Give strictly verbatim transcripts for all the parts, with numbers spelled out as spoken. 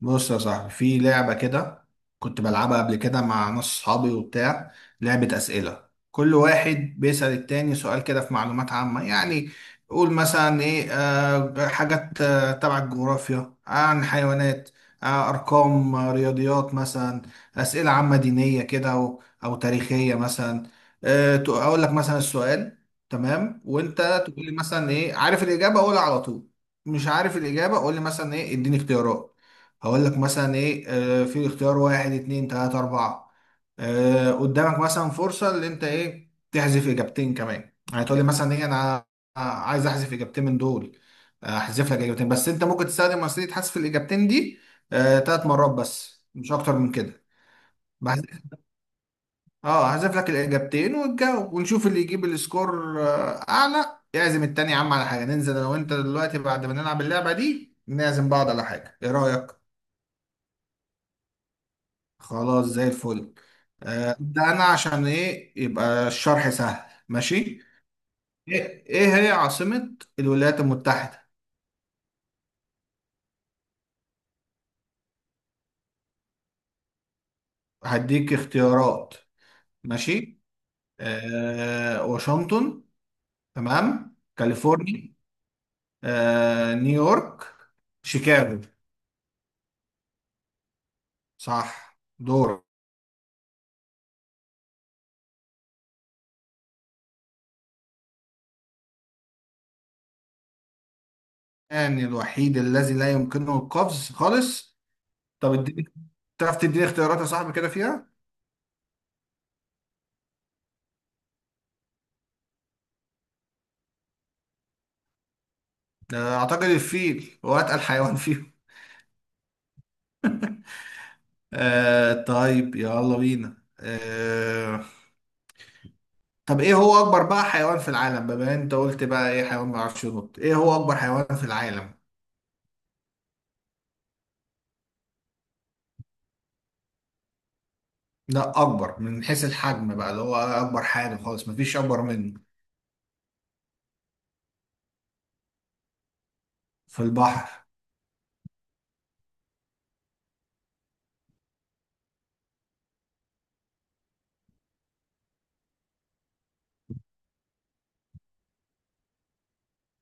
بص يا صاحبي في لعبة كده، كنت بلعبها قبل كده مع ناس صحابي وبتاع. لعبة أسئلة، كل واحد بيسأل التاني سؤال كده في معلومات عامة يعني. قول مثلا إيه، آه حاجات آه تبع الجغرافيا، آه، عن حيوانات، آه أرقام، آه رياضيات مثلا، أسئلة عامة دينية كده أو أو تاريخية مثلا. آه تق- أقول لك مثلا السؤال تمام وأنت تقول لي مثلا إيه. عارف الإجابة قولها على طول، مش عارف الإجابة قول لي مثلا إيه، اديني اختيارات. هقول لك مثلا ايه، آه، في اختيار واحد اتنين تلاتة اربعة. آه، قدامك مثلا فرصة اللي انت ايه تحذف اجابتين كمان، يعني تقول لي مثلا ايه انا عايز احذف اجابتين من دول. آه، احذف لك اجابتين، بس انت ممكن تستخدم وسيلة حذف الاجابتين دي آه، تلات مرات بس مش اكتر من كده. بحذف- اه، هحذف لك الاجابتين وتجاوب ونشوف اللي يجيب السكور آه، اعلى يعزم التاني. يا عم على حاجة، ننزل انا وانت دلوقتي بعد ما نلعب اللعبة دي نعزم بعض على حاجة، ايه رأيك؟ خلاص زي الفل. آه، ده انا عشان ايه يبقى الشرح سهل، ماشي. ايه إيه هي عاصمة الولايات المتحدة؟ هديك اختيارات ماشي. آه واشنطن، تمام، كاليفورنيا، آه نيويورك، شيكاغو. صح، دور. يعني الوحيد الذي لا يمكنه القفز خالص؟ طب اديني، تعرف تديني اختيارات يا صاحبي كده فيها. آه، اعتقد الفيل هو اتقل حيوان فيهم. آه طيب يلا بينا. آه طب ايه هو اكبر بقى حيوان في العالم؟ بما إن انت قلت بقى ايه حيوان ما بيعرفش ينط، ايه هو اكبر حيوان في العالم؟ لا، اكبر من حيث الحجم بقى، اللي هو اكبر حاجه خالص مفيش اكبر منه. في البحر.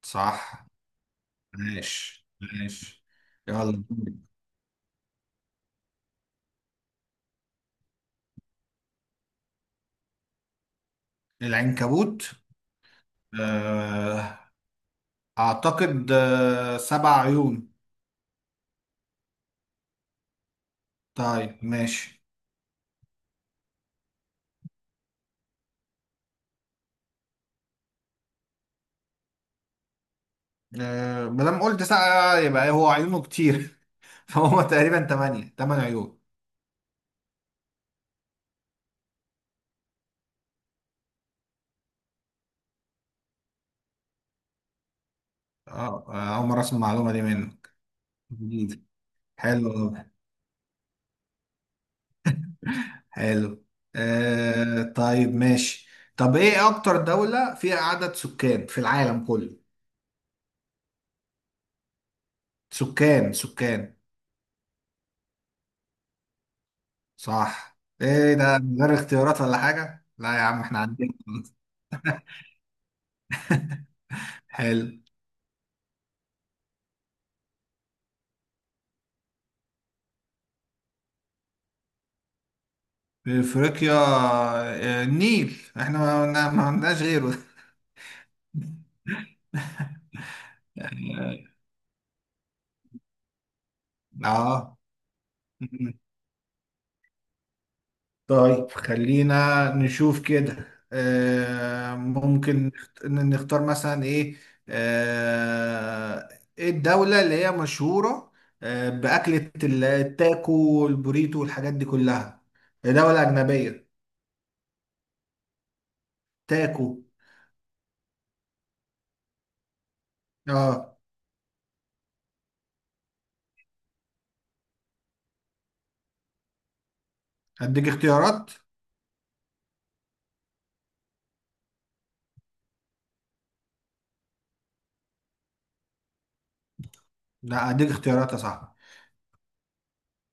صح. ماشي ماشي. يلا. العنكبوت. آه اعتقد آه سبع عيون. طيب ماشي. آه ما دام قلت سبعة يبقى إيه، هو عيونه كتير، فهو تقريبا تمانية، تمن عيون. اه، آه، أول مرة أسمع المعلومة دي منك، جديد. حلو حلو. آه طيب ماشي. طب إيه أكتر دولة فيها عدد سكان في العالم كله؟ سكان سكان. صح، إيه ده من غير اختيارات ولا حاجة؟ لا يا عم إحنا عندنا. حلو. أفريقيا، آه، النيل، إحنا ما ما- ما عندناش غيره. آه طيب خلينا نشوف كده. آه ممكن نخت- نختار مثلا ايه، آه ايه الدولة اللي هي مشهورة آه بأكلة ال- التاكو والبوريتو والحاجات دي كلها؟ هي دولة أجنبية. تاكو. اه. هديك اختيارات. لا هديك اختيارات يا صاحبي.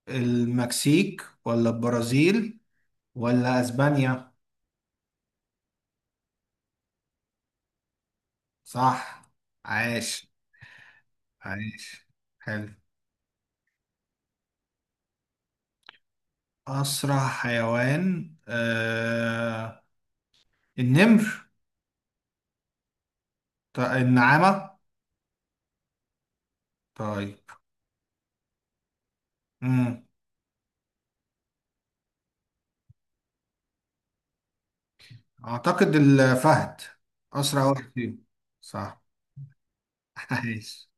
المكسيك ولا البرازيل ولا أسبانيا؟ صح. عاش عاش. حلو. أسرع حيوان آه... النمر. ط- النعامة. طيب. مم. أعتقد الفهد أسرع واحد فيهم. صح. عايش.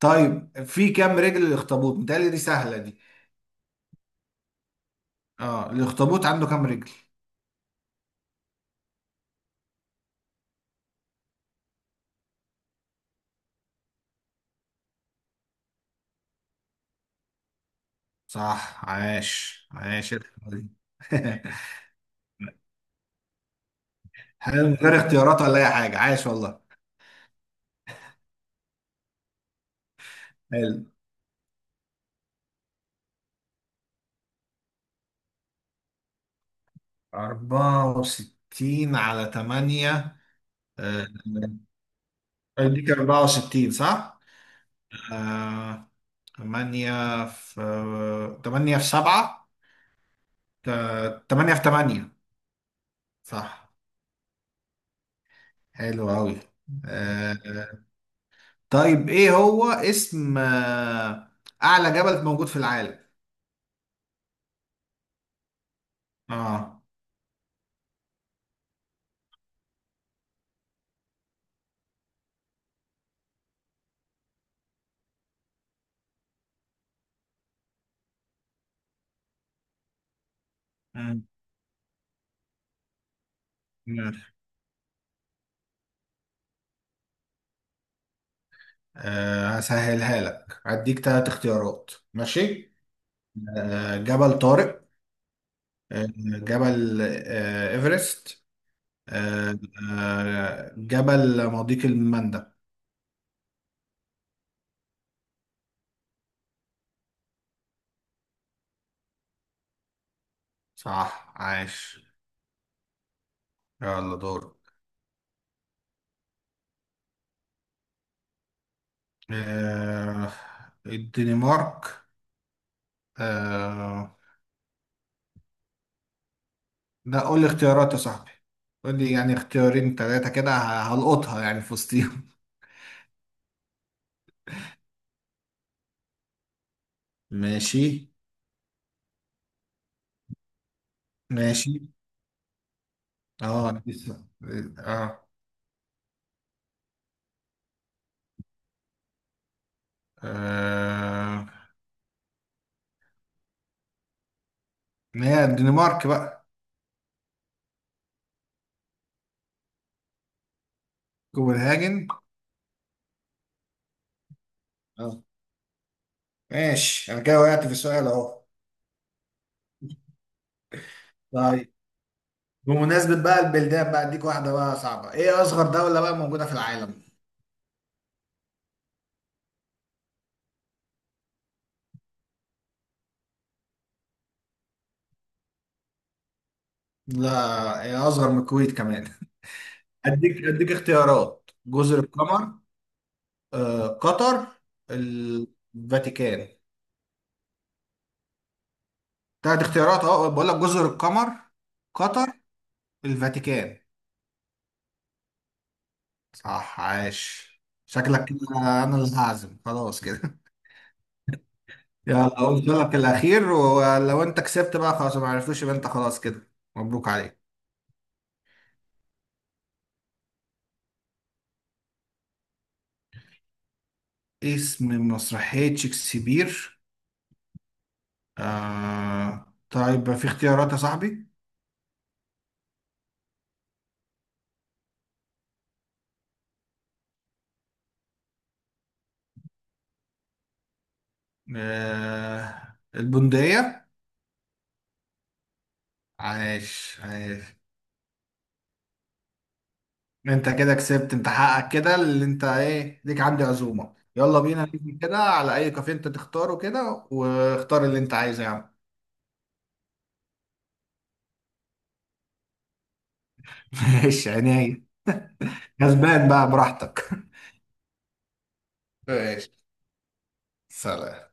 طيب في كام رجل الأخطبوط؟ متهيألي دي سهلة دي. اه، الأخطبوط عنده كام رجل؟ صح، عاش عاش، الحلوة دي. حلو، من غير اختيارات ولا أي حاجة، عاش والله. حلو. أربعة وستين على تمانية، آه، اديك أربعة وستين صح؟ آه، تمانية في آه، تمانية في سبعة، آه، تمانية في تمانية. صح. حلو أوي. آه، طيب إيه هو اسم آه، أعلى جبل موجود في العالم؟ آه مم، ماشي. آه، هسهلها لك، هديك تلات اختيارات ماشي. آه، جبل طارق، آه، جبل آه، إيفرست، آه، آه، جبل مضيق المندب. صح عاش. يلا دور. آه الدنمارك. آه لا قول لي اختيارات يا صاحبي، قول لي يعني اختيارين ثلاثة كده ه- هلقطها يعني في وسطيهم. ماشي ماشي. اه لسه. اه. آه، ما هي الدنمارك بقى. كوبنهاجن. اه، ماشي انا كده وقعت في السؤال اهو. طيب بمناسبة بقى البلدان بقى اديك واحدة بقى صعبة، ايه اصغر دولة بقى موجودة في العالم؟ لا، ايه اصغر من الكويت كمان؟ اديك اديك اختيارات، جزر القمر، آه، قطر، الفاتيكان. تلات اختيارات، اه بقول لك جزر القمر، قطر، الفاتيكان. صح عاش. شكلك كده انا اللي هعزم خلاص كده. يلا قلت لك الاخير، ولو انت كسبت بقى خلاص ما عرفتوش يبقى انت خلاص كده، مبروك عليك. اسم مسرحية شكسبير. آه... طيب في اختيارات يا صاحبي. آه... البندقية. عاش عاش. انت كده كسبت، انت حقك كده اللي انت ايه ليك عندي عزومة، يلا بينا ننزل كده على اي كافيه انت تختاره كده، واختار اللي انت عايزه يا عم. ماشي عينيا. كسبان بقى براحتك. ماشي. سلام.